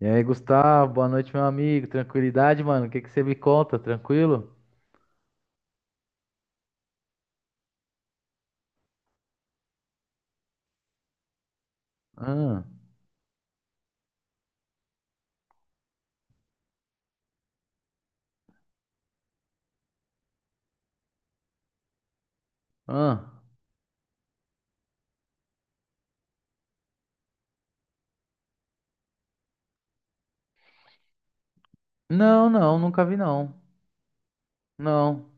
E aí, Gustavo, boa noite, meu amigo. Tranquilidade, mano? O que que você me conta? Tranquilo? Ah, ah. Não, não, nunca vi, não. Não.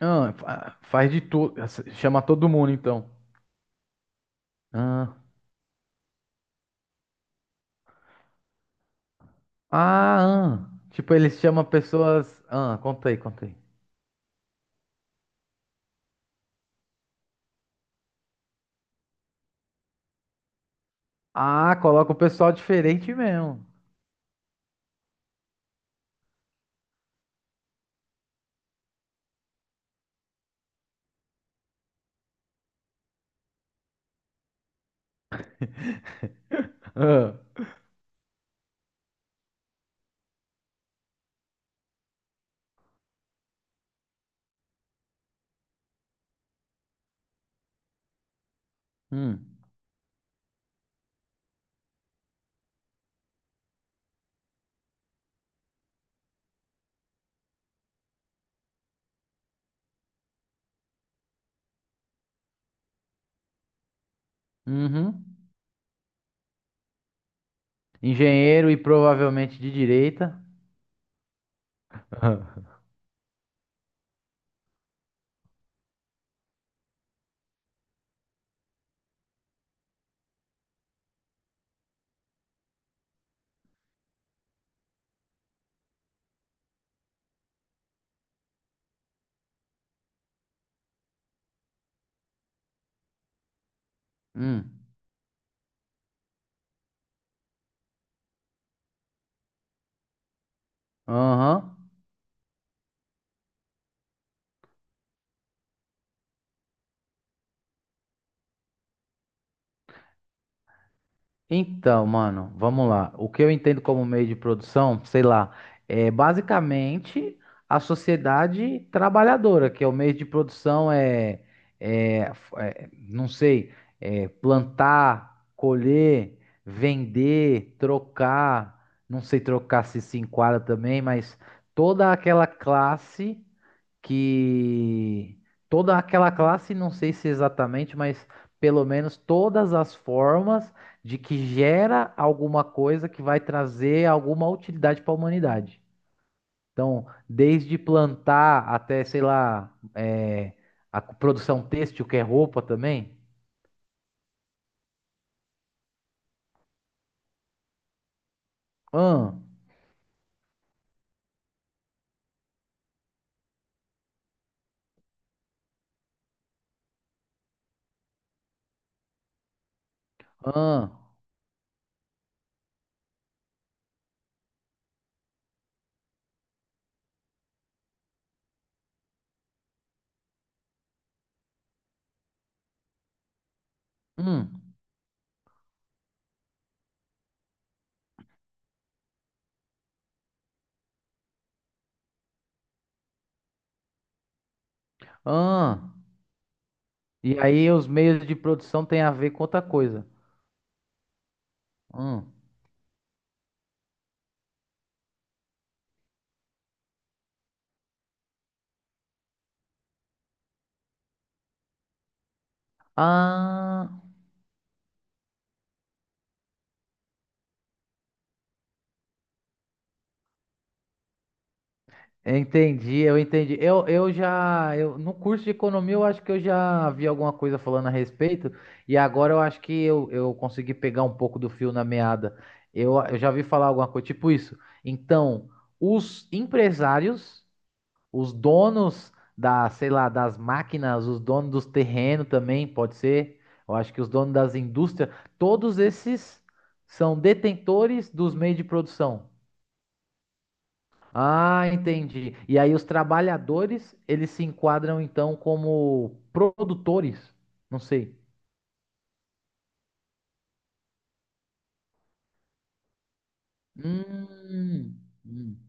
Faz de tudo. Chama todo mundo, então. Ah, ah, ah. Tipo, eles chamam pessoas. Ah, conta aí, conta aí. Ah, coloca o pessoal diferente mesmo. Ah. Hum. Uhum. Engenheiro e provavelmente de direita. Hum. Aham. Então, mano, vamos lá. O que eu entendo como meio de produção, sei lá, é basicamente a sociedade trabalhadora, que é o meio de produção não sei, é plantar, colher, vender, trocar, não sei trocar se enquadra também, mas toda aquela classe que toda aquela classe, não sei se exatamente, mas pelo menos todas as formas de que gera alguma coisa que vai trazer alguma utilidade para a humanidade. Então, desde plantar até, sei lá, a produção têxtil, que é roupa também. Ahn, ahn, hum, ahn. E aí os meios de produção têm a ver com outra coisa. Ahn. Ah, entendi, eu entendi. No curso de economia, eu acho que eu já vi alguma coisa falando a respeito, e agora eu acho que eu consegui pegar um pouco do fio na meada. Eu já vi falar alguma coisa tipo isso. Então, os empresários, os donos da, sei lá, das máquinas, os donos dos terrenos também, pode ser. Eu acho que os donos das indústrias, todos esses são detentores dos meios de produção. Ah, entendi. E aí os trabalhadores, eles se enquadram então como produtores? Não sei. Hum, hum,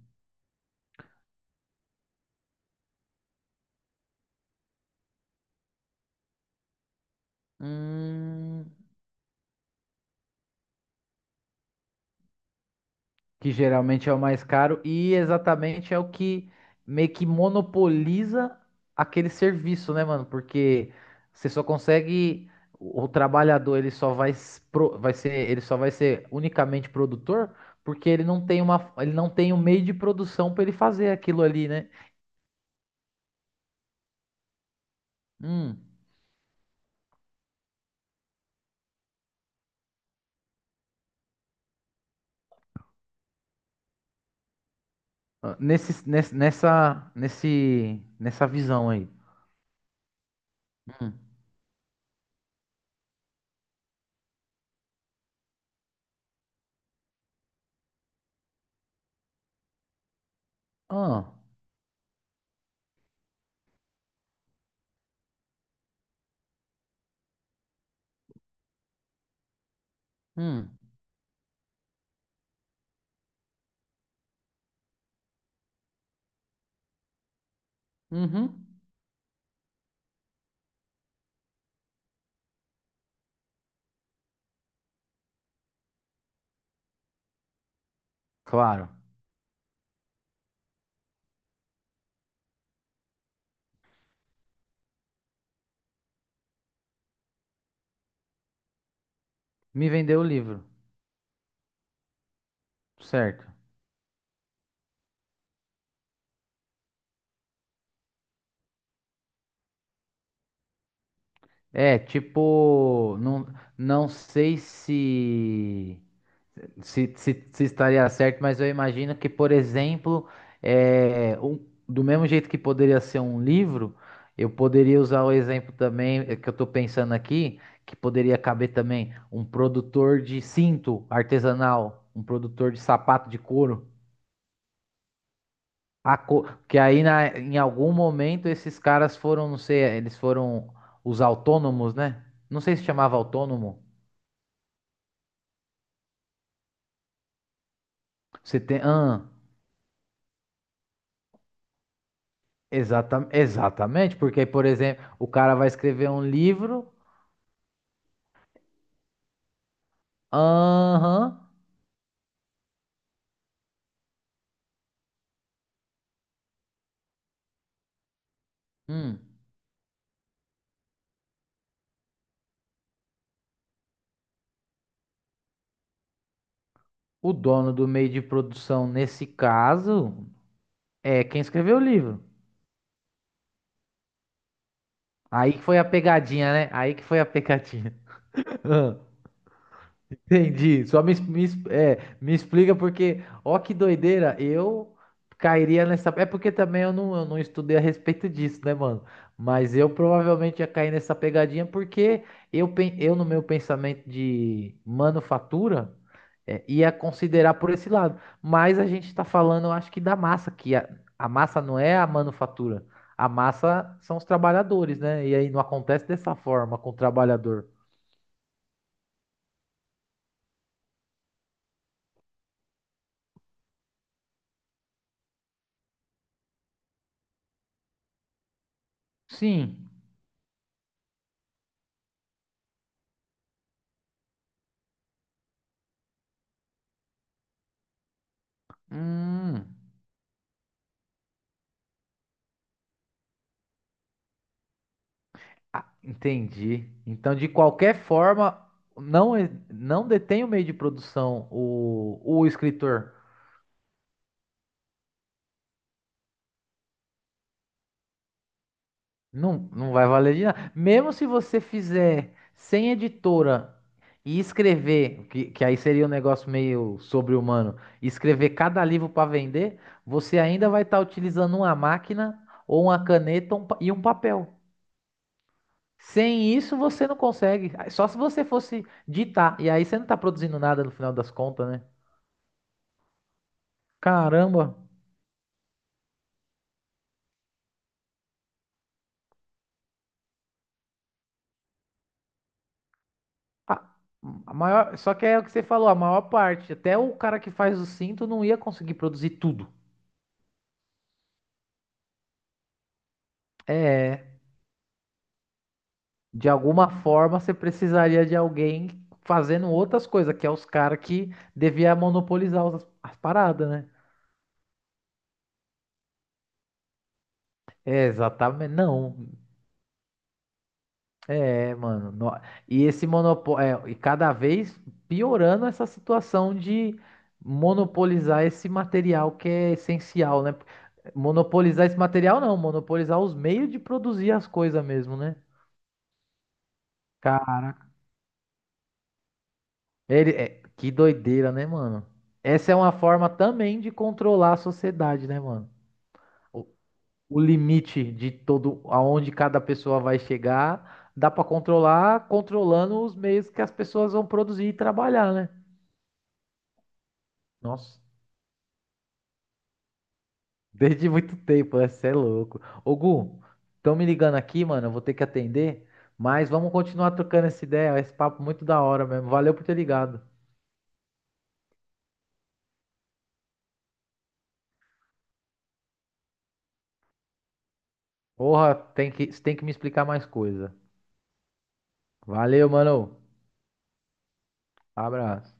hum. Que geralmente é o mais caro, e exatamente é o que meio que monopoliza aquele serviço, né, mano? Porque você só consegue o trabalhador, ele só vai ser unicamente produtor porque ele não tem ele não tem um meio de produção para ele fazer aquilo ali, né? Hum. Ah, nessa visão aí. Hum. Ah, hum, uhum. Claro. Me vendeu o livro. Certo. É, tipo, não, não sei se, se estaria certo, mas eu imagino que, por exemplo, é, um- do mesmo jeito que poderia ser um livro, eu poderia usar o exemplo também que eu estou pensando aqui, que poderia caber também um produtor de cinto artesanal, um produtor de sapato de couro. A co- Que aí na- Em algum momento esses caras foram, não sei, eles foram os autônomos, né? Não sei se chamava autônomo. Você tem. Ah, exatamente, porque aí, por exemplo, o cara vai escrever um livro. Aham. Hum, o dono do meio de produção, nesse caso, é quem escreveu o livro. Aí que foi a pegadinha, né? Aí que foi a pegadinha. Entendi. Só me, es- é, Me explica porque, ó, que doideira, eu cairia nessa. É porque também eu não estudei a respeito disso, né, mano? Mas eu provavelmente ia cair nessa pegadinha porque eu no meu pensamento de manufatura, ia considerar por esse lado. Mas a gente tá falando, eu acho que da massa, a massa não é a manufatura. A massa são os trabalhadores, né? E aí não acontece dessa forma com o trabalhador. Sim. Hum. Ah, entendi. Então, de qualquer forma, não detém o meio de produção o escritor. Não, não vai valer de nada. Mesmo se você fizer sem editora e escrever, que aí seria um negócio meio sobre-humano, e escrever cada livro para vender, você ainda vai estar utilizando uma máquina ou uma caneta e um papel. Sem isso, você não consegue. Só se você fosse ditar. E aí você não está produzindo nada no final das contas, né? Caramba. A, a maior, só que é o que você falou, a maior parte. Até o cara que faz o cinto não ia conseguir produzir tudo. É, de alguma forma você precisaria de alguém fazendo outras coisas, que é os caras que devia monopolizar as paradas, né? É, exatamente. Não. É, mano. E esse monopólio, e cada vez piorando essa situação de monopolizar esse material que é essencial, né? Monopolizar esse material não, monopolizar os meios de produzir as coisas mesmo, né? Caraca. Ele... Que doideira, né, mano? Essa é uma forma também de controlar a sociedade, né, mano? O, o limite de todo, aonde cada pessoa vai chegar, dá pra controlar, controlando os meios que as pessoas vão produzir e trabalhar, né? Nossa, desde muito tempo, né? Cê é louco. Ô, Gu, estão me ligando aqui, mano. Eu vou ter que atender. Mas vamos continuar trocando essa ideia. Esse papo muito da hora mesmo. Valeu por ter ligado. Porra, tem que, cê tem que me explicar mais coisa. Valeu, mano. Abraço.